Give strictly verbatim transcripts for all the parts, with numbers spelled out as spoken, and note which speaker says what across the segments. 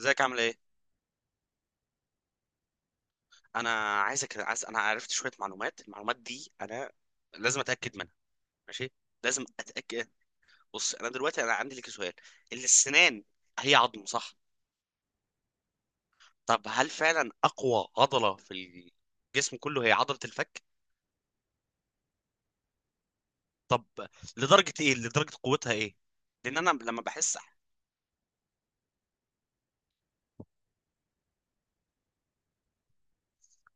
Speaker 1: ازيك عامل ايه؟ انا عايزك، عايز انا عرفت شويه معلومات. المعلومات دي انا لازم اتاكد منها. ماشي، لازم اتاكد. بص، انا دلوقتي انا عندي لك سؤال. السنان هي عظم، صح؟ طب هل فعلا اقوى عضله في الجسم كله هي عضله الفك؟ طب لدرجه ايه؟ لدرجه قوتها ايه؟ لان انا لما بحس...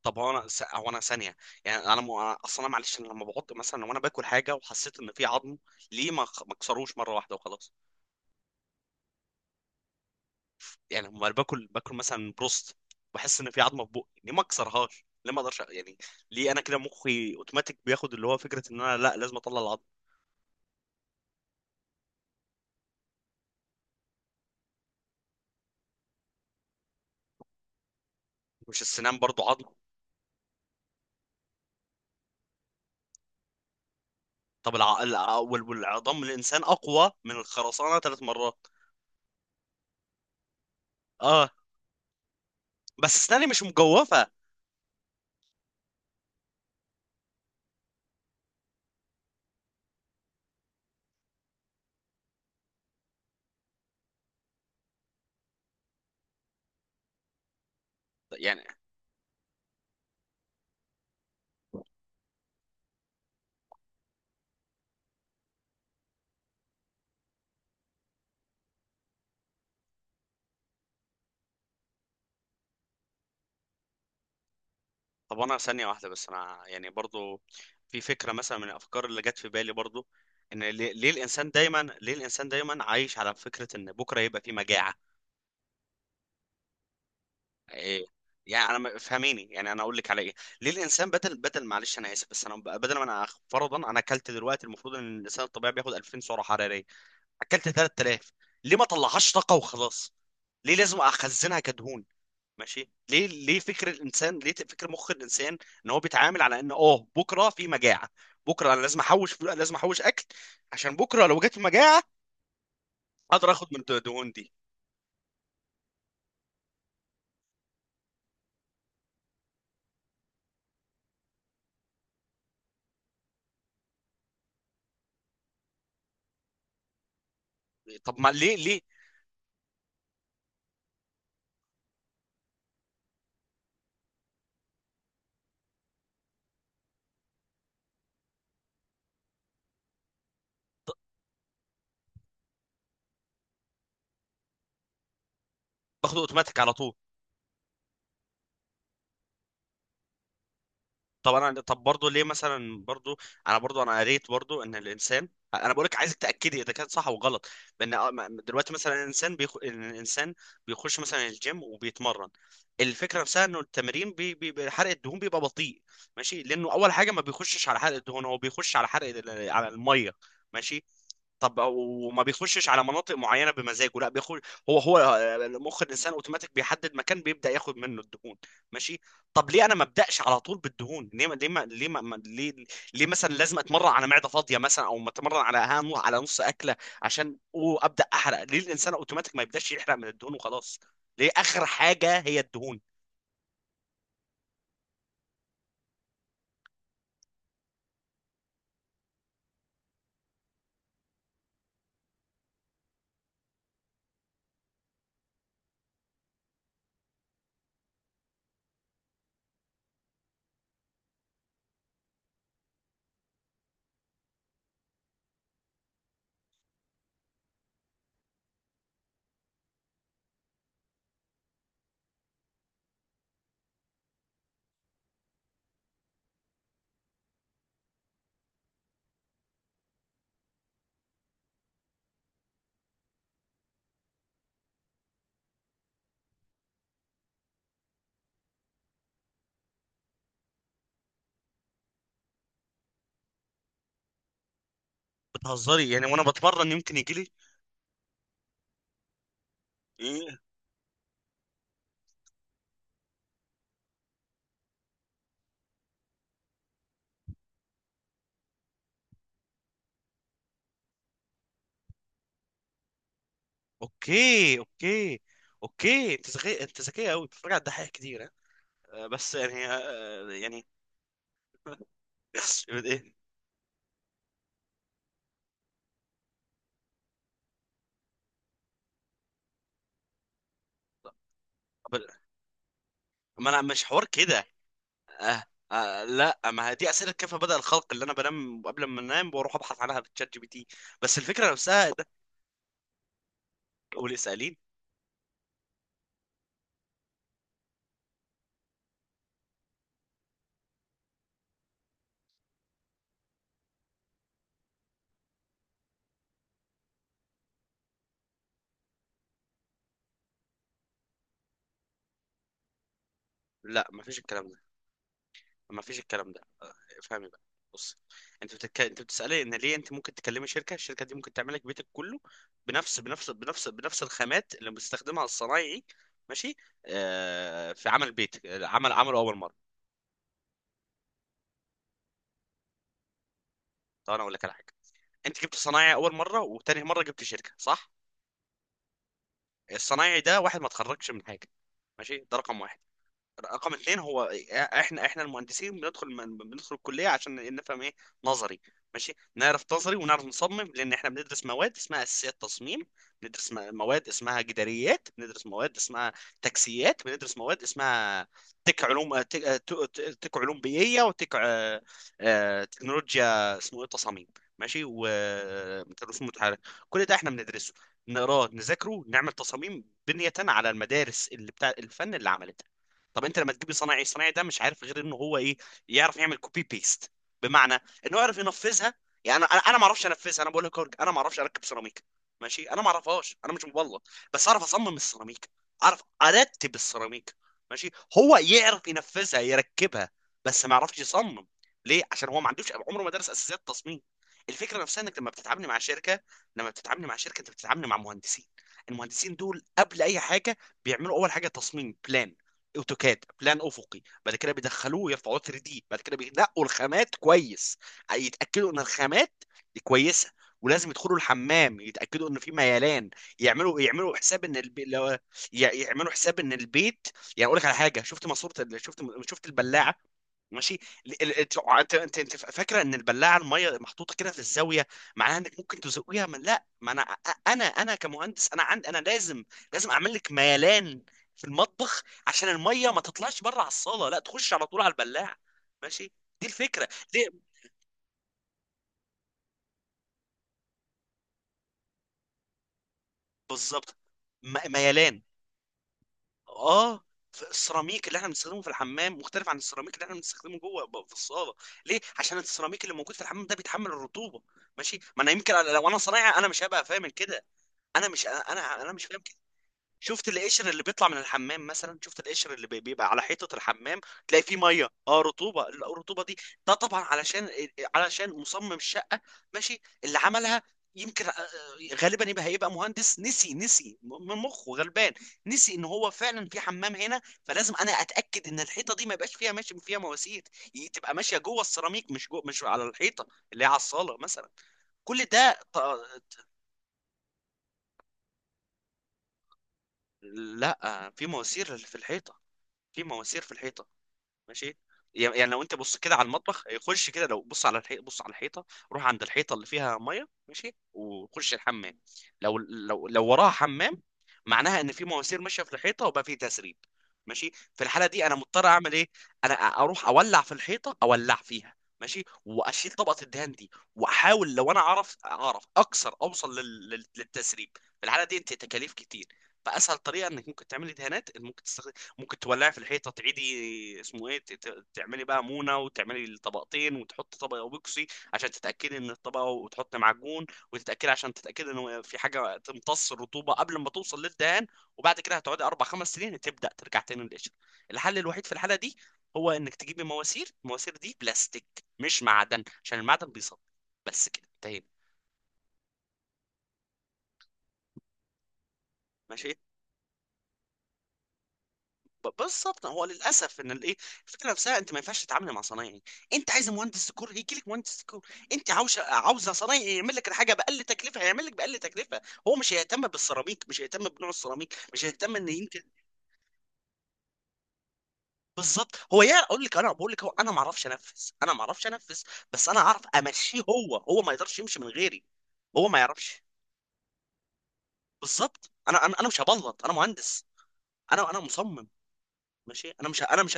Speaker 1: طب هو انا س- هو انا ثانيه. يعني انا م... اصلا معلش، انا لما بحط مثلا، لو انا باكل حاجه وحسيت ان في عظم، ليه ما ما اكسروش مره واحده وخلاص؟ يعني لما باكل باكل مثلا بروست، بحس ان في عظمه في بقي، ليه ما اكسرهاش؟ ليه ما اقدرش أ- يعني؟ ليه انا كده مخي اوتوماتيك بياخد اللي هو فكره ان انا لا لازم اطلع العظم؟ مش السنان برضو عظم؟ طب الع... الع... وال- والعظام الانسان اقوى من الخرسانه ثلاث مرات. اه. بس اسناني مش مجوفه. يعني. طب انا ثانيه واحده بس، انا يعني برضو في فكره مثلا من الافكار اللي جت في بالي برضو، ان ليه ليه الانسان دايما، ليه الانسان دايما عايش على فكره ان بكره يبقى في مجاعه؟ إيه؟ يعني انا ما- فهميني، يعني انا اقول لك على ايه. ليه الانسان بدل بدل، معلش انا اسف، بس انا ب- بدل ما انا فرضا انا اكلت دلوقتي، المفروض ان الانسان الطبيعي بياخد ألفين سعرة حرارية سعره حراريه، اكلت ثلاثة آلاف، ليه ما طلعهاش طاقه وخلاص؟ ليه لازم اخزنها كدهون؟ ماشي. ليه ليه فكر الانسان، ليه فكر مخ الانسان ان هو بيتعامل على ان اه بكره في مجاعه، بكره انا لازم احوش فلو- لازم احوش اكل عشان بكره لو جت مجاعه اقدر اخد من الدهون دي؟ طب ما ليه؟ ليه باخد اوتوماتيك على طول؟ طب انا، طب برضه ليه مثلا برضه، انا برضه، انا قريت برضه ان الانسان، انا بقولك عايزك تاكدي اذا كان صح او غلط، بان آه، ما- دلوقتي مثلا الانسان بيخ... الانسان بيخش مثلا الجيم وبيتمرن، الفكره نفسها انه التمرين بي... بي... بي- حرق الدهون بيبقى بطيء. ماشي، لانه اول حاجه ما بيخشش على حرق الدهون، هو بيخش على حرق ال- على الميه. ماشي. طب وما بيخشش على مناطق معينه بمزاجه، لا، بيخش. هو هو آه، مخ الانسان اوتوماتيك بيحدد مكان بيبدا ياخد منه الدهون. ماشي. طب ليه انا ما ابداش على طول بالدهون؟ ليه ما ليه ما ليه, ما ما- ليه, ليه مثلا لازم اتمرن على معده فاضيه مثلا او اتمرن على ها- على نص اكله عشان أو ابدا احرق؟ ليه الانسان اوتوماتيك ما يبداش يحرق من الدهون وخلاص؟ ليه اخر حاجه هي الدهون؟ بتهزري يعني وانا بتمرن يمكن يجي لي. إيه؟ اوكي، اوكي. اوكي، انت ذكي، انت ذكيه قوي، بتتفرج على الدحيح كتير؟ ها؟ آه، بس يعني آه، يعني... إيه؟ طب ما انا مش حوار كده. آه. آه. لا، ما هي دي اسئله كيف بدا الخلق، اللي انا بنام قبل ما انام واروح ابحث عنها في تشات جي بي تي. بس الفكره نفسها ده. قولي اسالين. لا، ما فيش الكلام ده. ما فيش الكلام ده، آه، افهمي بقى. بص، انت بتك... انت بتسالي ان ليه انت ممكن تكلمي شركه، الشركه دي ممكن تعمل لك بيتك كله بنفس بنفس بنفس بنفس الخامات اللي بيستخدمها الصنايعي. ماشي. آه... في عمل بيت، عمل عمله اول مره. طب انا اقول لك على حاجه، انت جبت صنايعي اول مره وتاني مره جبت شركه، صح؟ الصنايعي ده واحد ما اتخرجش من حاجه، ماشي، ده رقم واحد. رقم اتنين، هو احنا احنا المهندسين بندخل من- بندخل الكليه عشان نفهم ايه؟ نظري. ماشي، نعرف نظري ونعرف نصمم، لان احنا بندرس مواد اسمها اساسيات تصميم، بندرس م- مواد اسمها جداريات، بندرس مواد اسمها تكسيات، بندرس مواد اسمها تك علوم تك, تك تك علوم بيئيه، وتك آه، آه، تكنولوجيا اسمه ايه تصاميم، ماشي، وترسم متحرك. كل ده احنا بندرسه، نقراه، نذاكره، نعمل تصاميم بنية على المدارس اللي بتاع الفن اللي عملتها. طب انت لما تجيب صنايعي، الصنايعي ده مش عارف غير ان هو ايه؟ يعرف يعمل كوبي بيست، بمعنى انه يعرف ينفذها. يعني انا انا أنا ما اعرفش انفذها، انا بقول لك أورج- انا ما اعرفش اركب سيراميك. ماشي، انا ما اعرفهاش، انا مش مبلط، بس اعرف اصمم السيراميك، اعرف ارتب السيراميك. ماشي. هو يعرف ينفذها، يركبها، بس ما يعرفش يصمم. ليه؟ عشان هو ما عندوش، عمره ما درس اساسيات تصميم. الفكره نفسها انك لما بتتعامل مع شركه، لما بتتعامل مع شركه، انت بتتعامل مع مهندسين. المهندسين دول قبل اي حاجه بيعملوا اول حاجه تصميم بلان، اوتوكاد، بلان افقي، بعد كده بيدخلوه يرفعوه 3 دي، بعد كده بينقوا الخامات كويس، يتاكدوا ان الخامات دي كويسه، ولازم يدخلوا الحمام يتاكدوا ان في ميلان، يعملوا يعملوا حساب ان البي... لو... ي- يعملوا حساب ان البيت. يعني اقول لك على حاجه، شفت ماسوره ال- شفت شفت البلاعه؟ ماشي. ال- ال- انت انت انت انت فاكره ان البلاعه، الميه محطوطه كده في الزاويه. معناها انك ممكن تزقيها من لا. ما انا انا انا كمهندس انا عندي، انا لازم، لازم اعمل لك ميلان في المطبخ عشان الميه ما تطلعش بره على الصاله، لا تخش على طول على البلاعه. ماشي. دي الفكره. ليه بالظبط. م- ميلان. اه. ف- السيراميك اللي احنا بنستخدمه في الحمام مختلف عن السيراميك اللي احنا بنستخدمه جوه ب- في الصاله. ليه؟ عشان السيراميك اللي موجود في الحمام ده بيتحمل الرطوبه. ماشي. ما انا يمكن لو انا صنايعي، انا مش هبقى فاهم كده. انا مش انا انا مش فاهم. شفت القشر اللي بيطلع من الحمام مثلا؟ شفت القشر اللي بي- بيبقى على حيطة الحمام؟ تلاقي فيه مية، اه، رطوبة. الرطوبة دي ده طبعا علشان إيه، إيه، علشان مصمم الشقة، ماشي، اللي عملها يمكن آه، آه، غالبا يبقى، هيبقى مهندس نسي، نسي م- من مخه غلبان، نسي ان هو فعلا في حمام هنا، فلازم انا اتاكد ان الحيطه دي ما يبقاش فيها ماشي فيها مواسير ي- تبقى ماشيه جوه السيراميك، مش جوه، مش على الحيطه اللي هي على الصاله مثلا. كل ده ط- لا، في مواسير في الحيطه. في مواسير في الحيطه. ماشي. يعني لو انت بص كده على المطبخ، آه، خش كده، لو بص على الحيطه، بص على الحيطه، روح عند الحيطه اللي فيها ميه، ماشي، وخش الحمام. لو لو لو وراها حمام، معناها ان في مواسير ماشيه في الحيطه، وبقى في تسريب. ماشي. في الحاله دي انا مضطر اعمل ايه؟ انا اروح اولع في الحيطه، اولع فيها. ماشي. واشيل طبقه الدهان دي، واحاول لو انا اعرف، اعرف اكسر، اوصل لل... لل- للتسريب. في الحاله دي انت تكاليف كتير. فاسهل طريقه انك ممكن تعملي دهانات ان ممكن تستخدم، ممكن تولعي في الحيطه، تعيدي اسمه ايه، ت- ت- تعملي بقى مونه، وتعملي الطبقتين، وتحطي طبق اوبكسي عشان تتاكدي ان الطبق، وتحطي معجون، وتتاكدي عشان تتاكدي ان في حاجه تمتص الرطوبه قبل ما توصل للدهان. وبعد كده هتقعدي اربع خمس سنين، تبدا ترجع تاني للقشره. الحل الوحيد في الحاله دي هو انك تجيبي مواسير، المواسير دي بلاستيك، مش معدن، عشان المعدن بيصدي. بس كده، انتهينا. ماشي. ب- بالظبط. هو للاسف ان الايه، الفكره نفسها انت ما ينفعش تتعامل مع صنايعي. انت عايز مهندس ديكور، هيجي لك مهندس ديكور. انت عاوزه عاوزه صنايعي يعمل لك الحاجه باقل تكلفه، هيعمل لك باقل تكلفه. هو مش هيهتم بالسيراميك، مش هيهتم بنوع السيراميك، مش هيهتم ان يمكن. بالظبط. هو يا اقول لك، انا بقول لك هو، انا ما اعرفش انفذ، انا ما اعرفش انفذ، بس انا اعرف امشيه، هو هو ما يقدرش يمشي من غيري، هو ما يعرفش. بالظبط. انا انا انا مش هبلط، انا مهندس. انا انا مصمم. ماشي. انا مش ه- انا مش.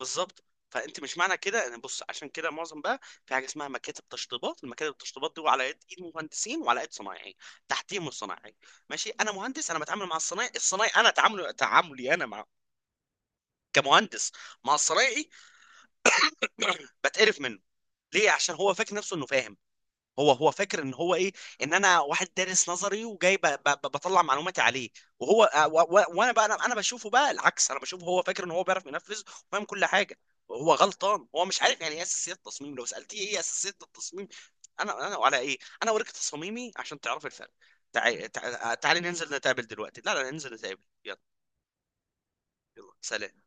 Speaker 1: بالظبط. فانت مش معنى كده انا بص، عشان كده معظم بقى في حاجه اسمها مكاتب تشطيبات، المكاتب التشطيبات دي على يد ايد مهندسين، وعلى يد صنايعي تحتيهم الصنايعي. ماشي. انا مهندس، انا بتعامل مع الصنايعي. الصنايعي انا تعامله، تعاملي انا مع، كمهندس، مع الصنايعي، بتقرف منه. ليه؟ عشان هو فاكر نفسه انه فاهم. هو هو فاكر ان هو ايه؟ ان انا واحد دارس نظري وجاي ب- ب- ب- بطلع معلوماتي عليه. وهو آه، و- و- وانا بقى، انا أنا بشوفه بقى العكس، انا بشوفه هو فاكر ان هو بيعرف ينفذ وفاهم كل حاجه. هو غلطان، هو مش عارف يعني ايه اساسيات التصميم. لو سالتيه ايه اساسيات التصميم، انا انا وعلى ايه، انا اوريك تصاميمي عشان تعرف الفرق. تعالي، تعالي ننزل نتقابل دلوقتي، لا لا ننزل نتقابل، يلا. يلا سلام.